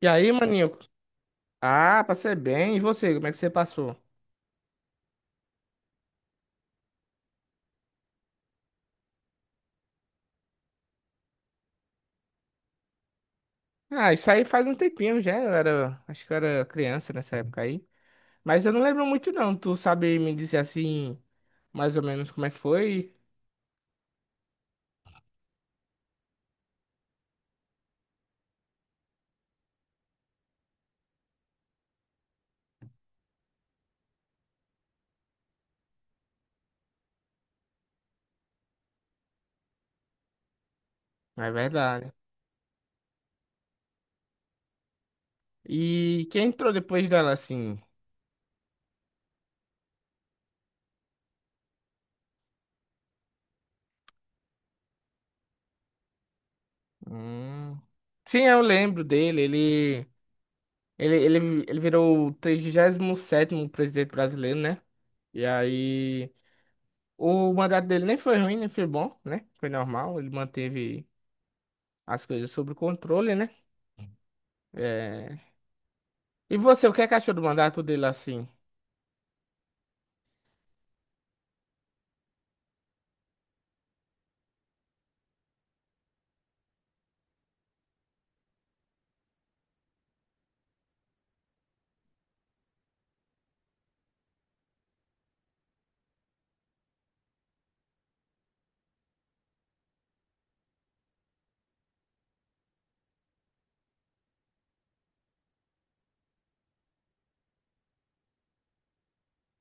E aí, maninho? Ah, passei bem. E você, como é que você passou? Ah, isso aí faz um tempinho já. Acho que eu era criança nessa época aí. Mas eu não lembro muito não. Tu sabe me dizer assim, mais ou menos como é que foi? É verdade. E quem entrou depois dela assim? Hum. Sim, eu lembro dele. Ele virou o 37º presidente brasileiro, né? E aí, o mandato dele nem foi ruim, nem foi bom, né? Foi normal. Ele manteve as coisas sob o controle, né? É. E você, o que é que achou do mandato dele assim?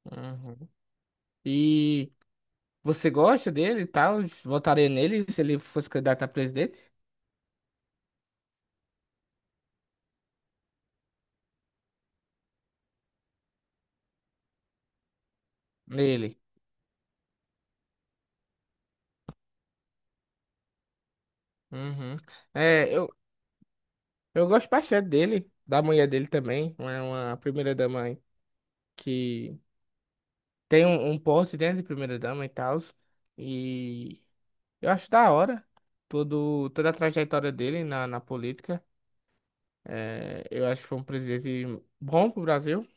Uhum. E você gosta dele e tal? Votaria nele se ele fosse candidato a presidente? Nele. Uhum. É, eu, eu gosto bastante dele, da mulher dele também, é uma primeira-dama aí, que tem um porte dentro de primeira-dama e tal. E eu acho da hora toda a trajetória dele na política. É, eu acho que foi um presidente bom pro Brasil.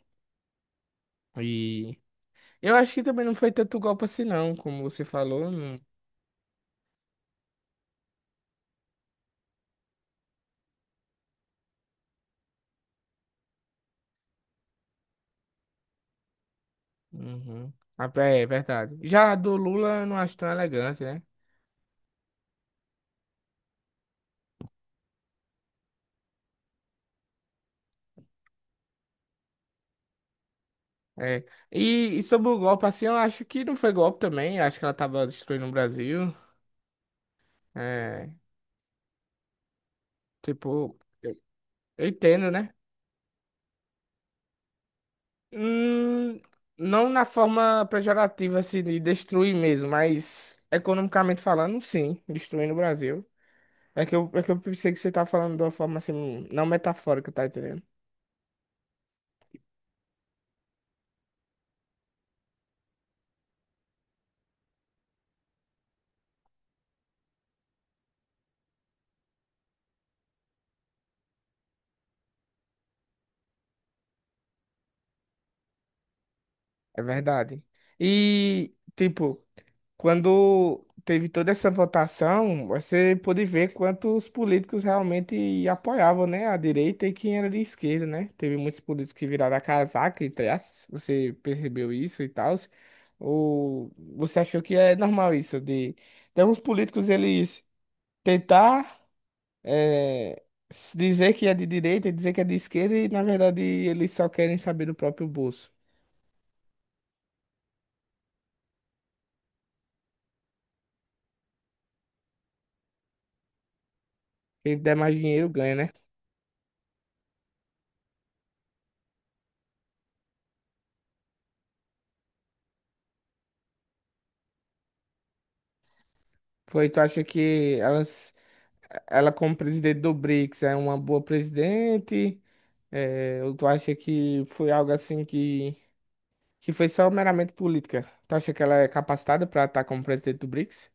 E eu acho que também não foi tanto golpe assim, não, como você falou. Não. Uhum. Ah, é é verdade. Já a do Lula eu não acho tão elegante, né? É. E, e sobre o golpe, assim, eu acho que não foi golpe também. Eu acho que ela tava destruindo o Brasil. É, tipo, eu entendo, né? Hum, não na forma pejorativa, assim, de destruir mesmo, mas economicamente falando, sim, destruindo o Brasil. É que eu pensei que você tá falando de uma forma assim, não metafórica, tá entendendo? É verdade. E, tipo, quando teve toda essa votação, você pôde ver quantos políticos realmente apoiavam, né, a direita e quem era de esquerda, né? Teve muitos políticos que viraram a casaca, entre aspas. Você percebeu isso e tal? Ou você achou que é normal isso de alguns políticos eles tentar eh, se dizer que é de direita e dizer que é de esquerda e, na verdade, eles só querem saber do próprio bolso. Quem der mais dinheiro ganha, né? Foi, tu acha que elas, ela como presidente do BRICS é uma boa presidente? É, ou tu acha que foi algo assim que foi só meramente política? Tu acha que ela é capacitada para estar como presidente do BRICS?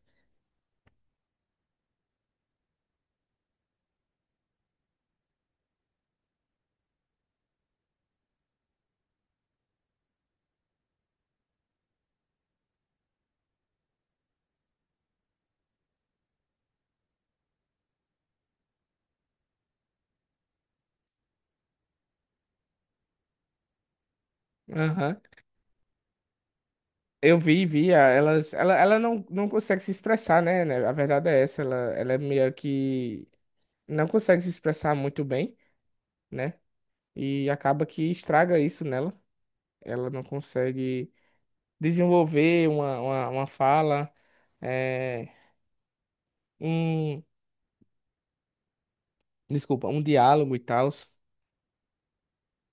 Aham. Eu vi, ela não, não consegue se expressar, né? A verdade é essa, ela é meio que não consegue se expressar muito bem, né? E acaba que estraga isso nela. Ela não consegue desenvolver uma fala, é, um, desculpa, um diálogo e tal.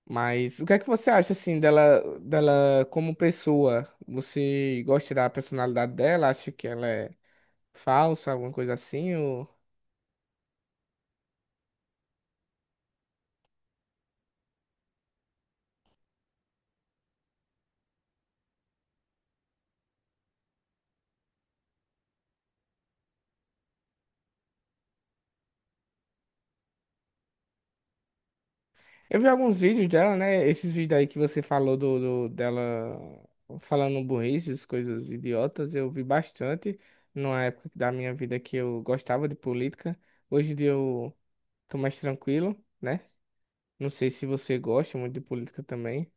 Mas o que é que você acha assim dela, dela como pessoa? Você gosta da personalidade dela? Acha que ela é falsa, alguma coisa assim? Ou. Eu vi alguns vídeos dela, né? Esses vídeos aí que você falou dela falando burrices, coisas idiotas, eu vi bastante numa época da minha vida que eu gostava de política. Hoje em dia eu tô mais tranquilo. Né? Não sei se você gosta muito de política também,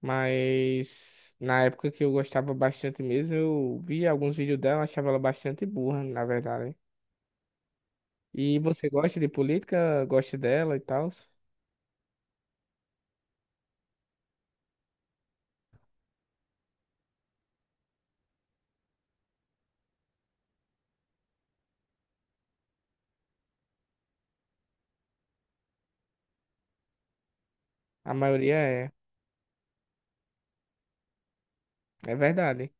mas na época que eu gostava bastante mesmo, eu via alguns vídeos dela, eu achava ela bastante burra, na verdade. E você gosta de política, gosta dela e tal? A maioria é, é verdade.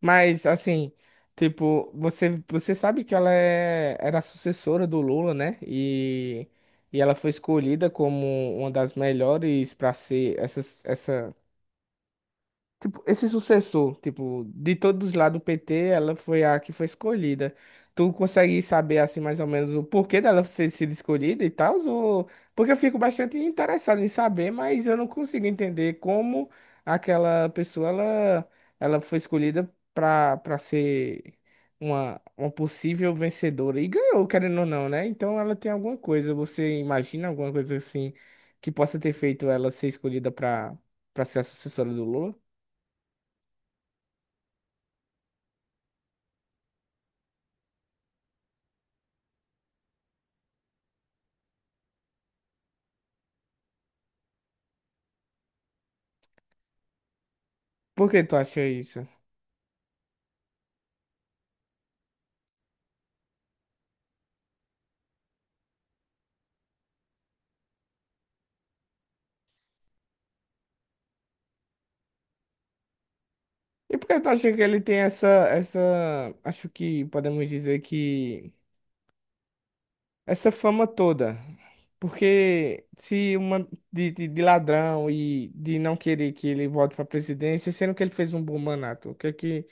Mas assim, tipo, você sabe que ela era a sucessora do Lula, né? E ela foi escolhida como uma das melhores para ser essa tipo, esse sucessor, tipo, de todos lá do PT, ela foi a que foi escolhida. Tu consegue saber, assim, mais ou menos o porquê dela ter sido escolhida e tal? Ou. Porque eu fico bastante interessado em saber, mas eu não consigo entender como aquela pessoa, ela foi escolhida pra ser uma possível vencedora. E ganhou, querendo ou não, né? Então ela tem alguma coisa, você imagina alguma coisa, assim, que possa ter feito ela ser escolhida pra, pra ser a sucessora do Lula? Por que tu acha isso? E por que tu acha que ele tem essa, acho que podemos dizer que essa fama toda? Porque se uma de ladrão e de não querer que ele volte para presidência, sendo que ele fez um bom mandato, o que é que,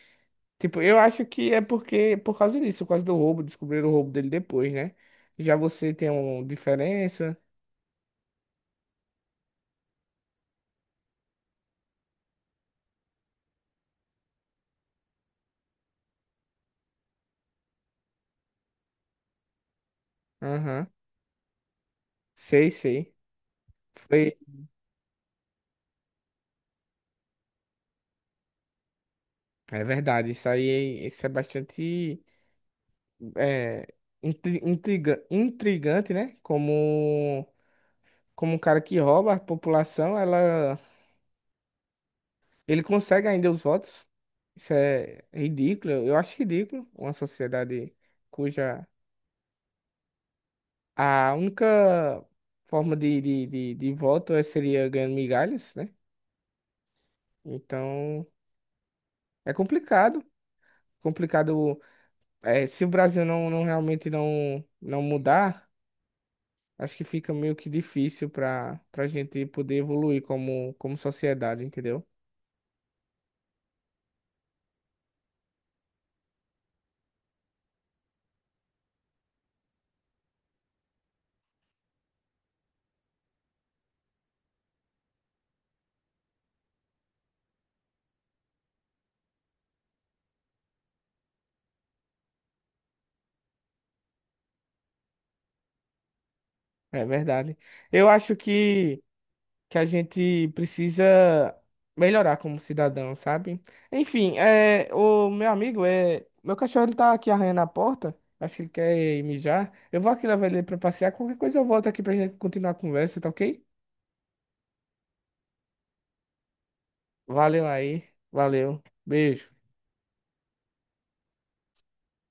tipo, eu acho que é porque por causa disso, por causa do roubo, descobriram o roubo dele depois, né? Já você tem uma diferença? Aham. Sei, sei. Foi, é verdade, isso aí, isso é bastante é, intriga, intrigante, né? Como, como um cara que rouba a população, ele consegue ainda os votos. Isso é ridículo, eu acho ridículo uma sociedade cuja a única forma de voto é- seria ganhando migalhas, né? Então é complicado. Complicado, é, se o Brasil não realmente não mudar. Acho que fica meio que difícil para para gente poder evoluir como, como sociedade, entendeu? É verdade. Eu acho que a gente precisa melhorar como cidadão, sabe? Enfim, é, o meu amigo, é, meu cachorro ele tá aqui arranhando a porta. Acho que ele quer ir mijar. Eu vou aqui levar ele pra passear. Qualquer coisa eu volto aqui pra gente continuar a conversa, tá ok? Valeu aí. Valeu. Beijo.